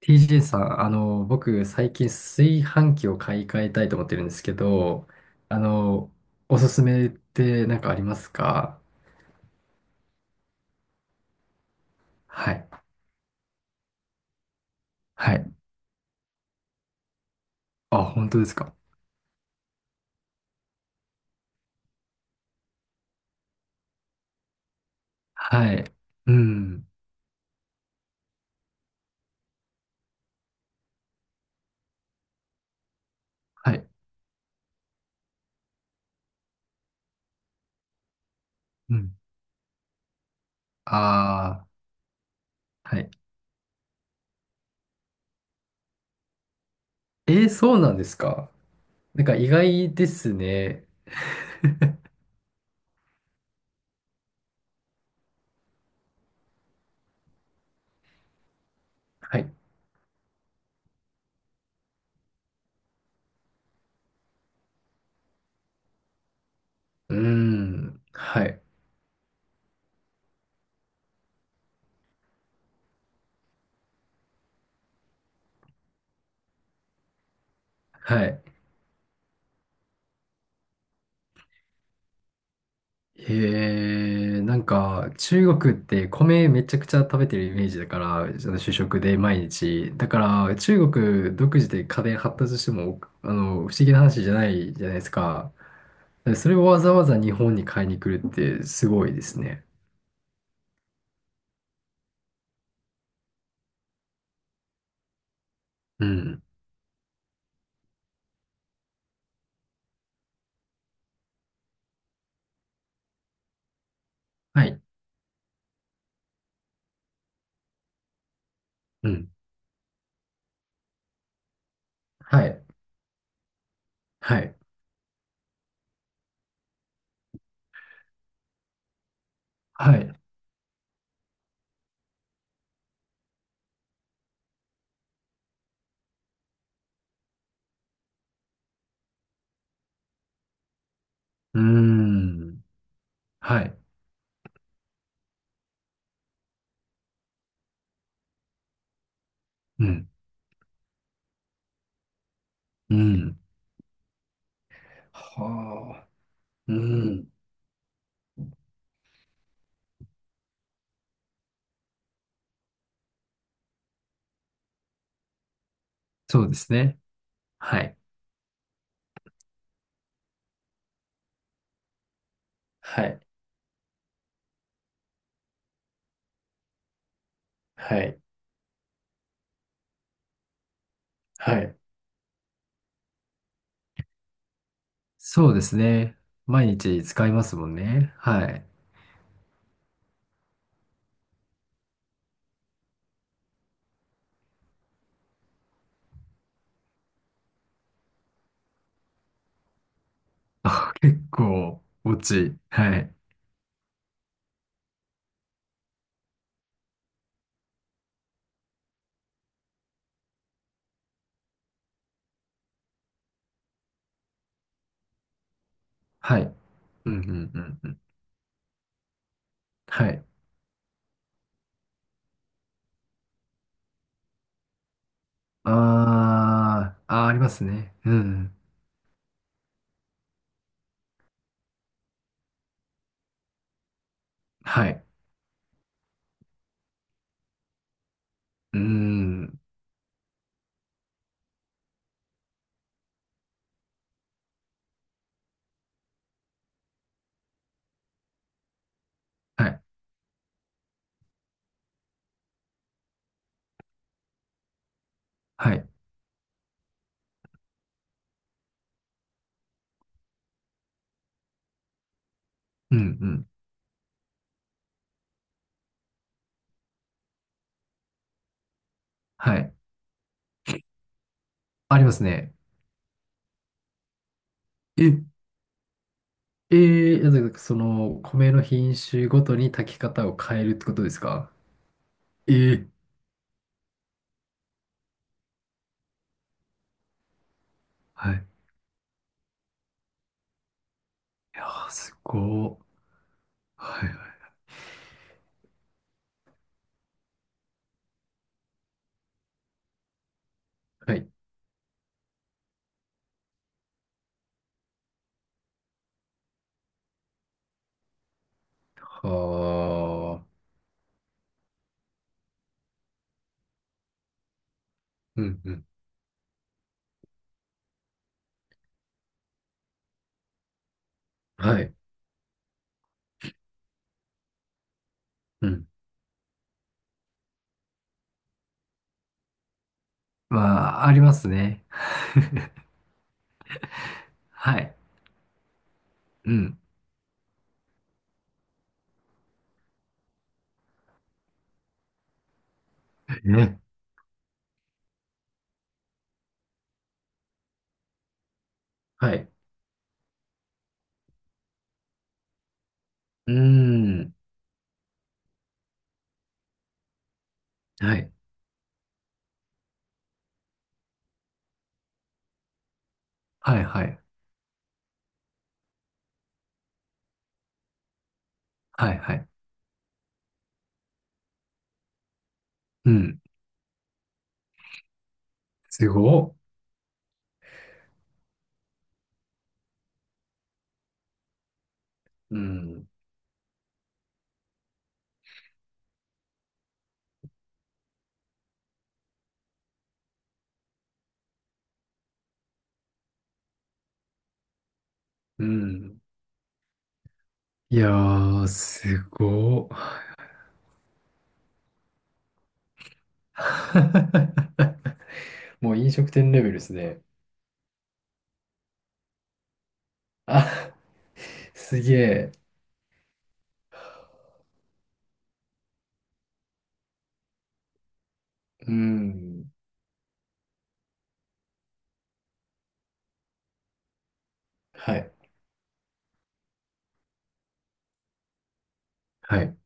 TJ さん、僕、最近炊飯器を買い替えたいと思ってるんですけど、あの、おすすめって何かありますか？はい。はい。あ、本当ですか？はい。うん。はい。うん。ああ、はい。えー、そうなんですか？なんか意外ですね。はい。うーん。はい。はい。へえー、なんか中国って米めちゃくちゃ食べてるイメージだから、あの主食で毎日。だから中国独自で家電発達しても、不思議な話じゃないじゃないですか。でそれをわざわざ日本に買いに来るってすごいですね。うん。はい。うん。はい。はい。はい。うーん。はい。うん。うん。はあ。うん。そうですね。はい。はい。はい。はい。そうですね。毎日使いますもんね。はい。あ、結構、落ち。はい。はい。うん、うん、うん、うん。はい。あー、あー、ありますね。うん。はい。うん。はい。はい。うん、うん。はい。ありますね。え、えー、なんかその、米の品種ごとに炊き方を変えるってことですか？えー、はい。いやー、すごー。はい、はい。はい。はー。うん、うん。はい。うん。まあ、ありますね。はい。うん。ね。はい。うーん。はい。はい、はい。はい、はい。うん。すごっ。うん。うん。いやー、すごっ。もう飲食店レベルですね。あ、すげえ。うーん。はい。はい。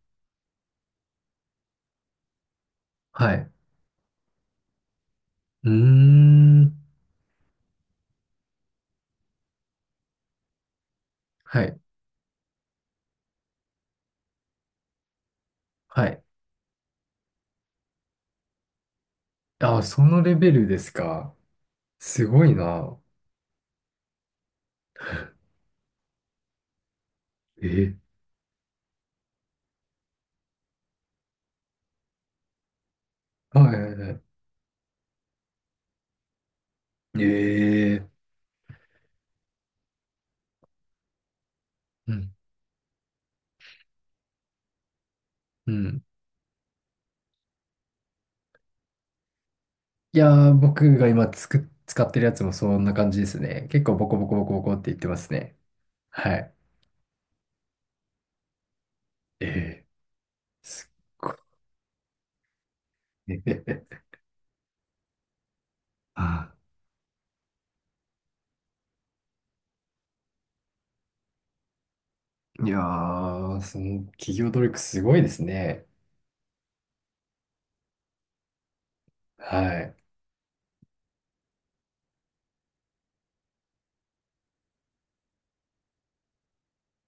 はい。うーん。はい。はい。あ、そのレベルですか。すごいな。え、はいはいはい。ええ。うんうん。いやー、僕が今使ってるやつもそんな感じですね。結構ボコボコボコボコって言ってますね。はい。ええ。すっごい。あ。いやー、その企業努力すごいですね。はい。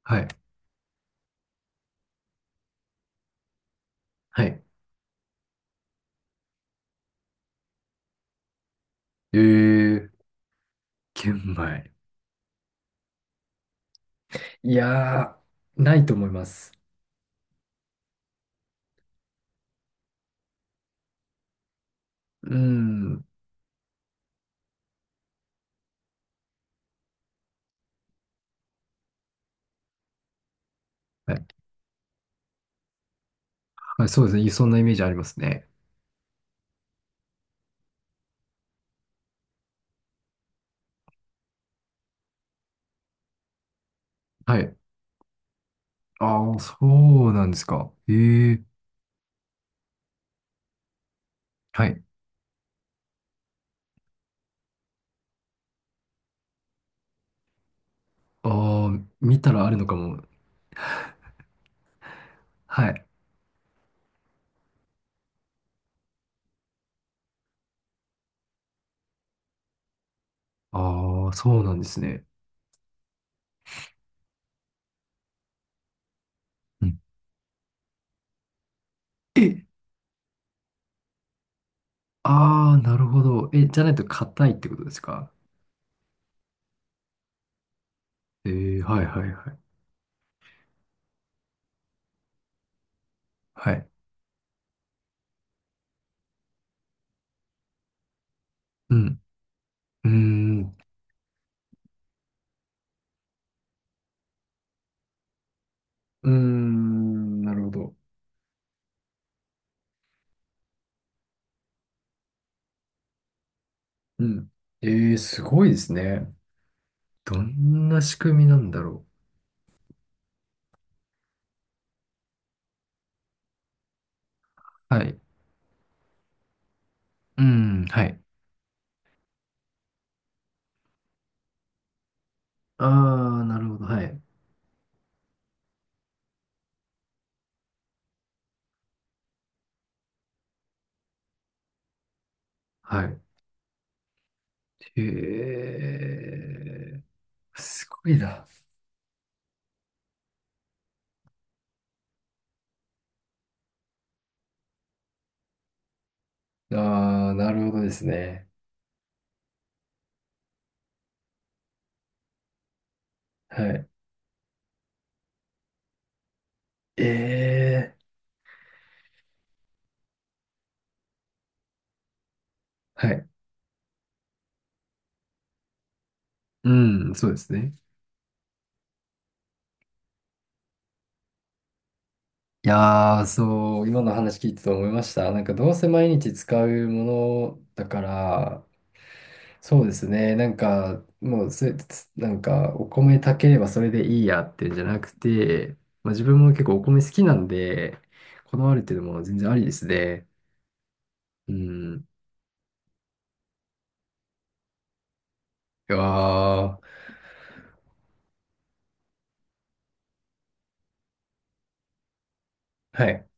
はい。はい。ええ。玄米。いやー、ないと思います。うん。はい。はい、そうですね。そんなイメージありますね。はい。ああ、そうなんですか。ええ。はい。ああ、見たらあるのかも。はい。ああ、そうなんですね。うん。え、ああ、なるほど。え、じゃないと硬いってことですか？えー、はいはいはい。はい。うん。うーん。うーん、なるほど。うん。えー、すごいですね。どんな仕組みなんだろう。はい。うん、はい。ああ、なるほど。はい。はい。へえ、すごいな。ああ、なるほどですね。はい。ええ、はい。うん、そうですね。いやー、そう、今の話聞いてて思いました。なんかどうせ毎日使うものだから、そうですね、なんかもうせ、つなんかお米炊ければそれでいいやってんじゃなくて、まあ、自分も結構お米好きなんで、こだわるっていうのも全然ありですね。うん。いやー、はい。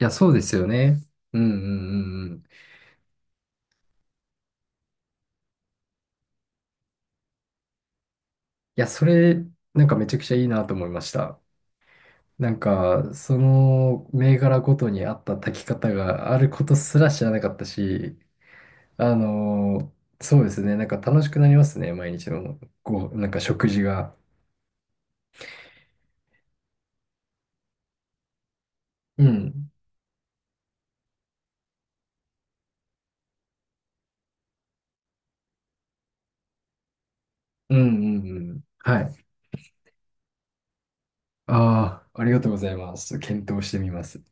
いや、そうですよね。うんうんうんうん。いや、それ、なんかめちゃくちゃいいなと思いました。なんか、その銘柄ごとに合った炊き方があることすら知らなかったし、あのそうですね、なんか楽しくなりますね、毎日のこうなんか食事が。うん。うんうんうん。はい。ああ、ありがとうございます。検討してみます。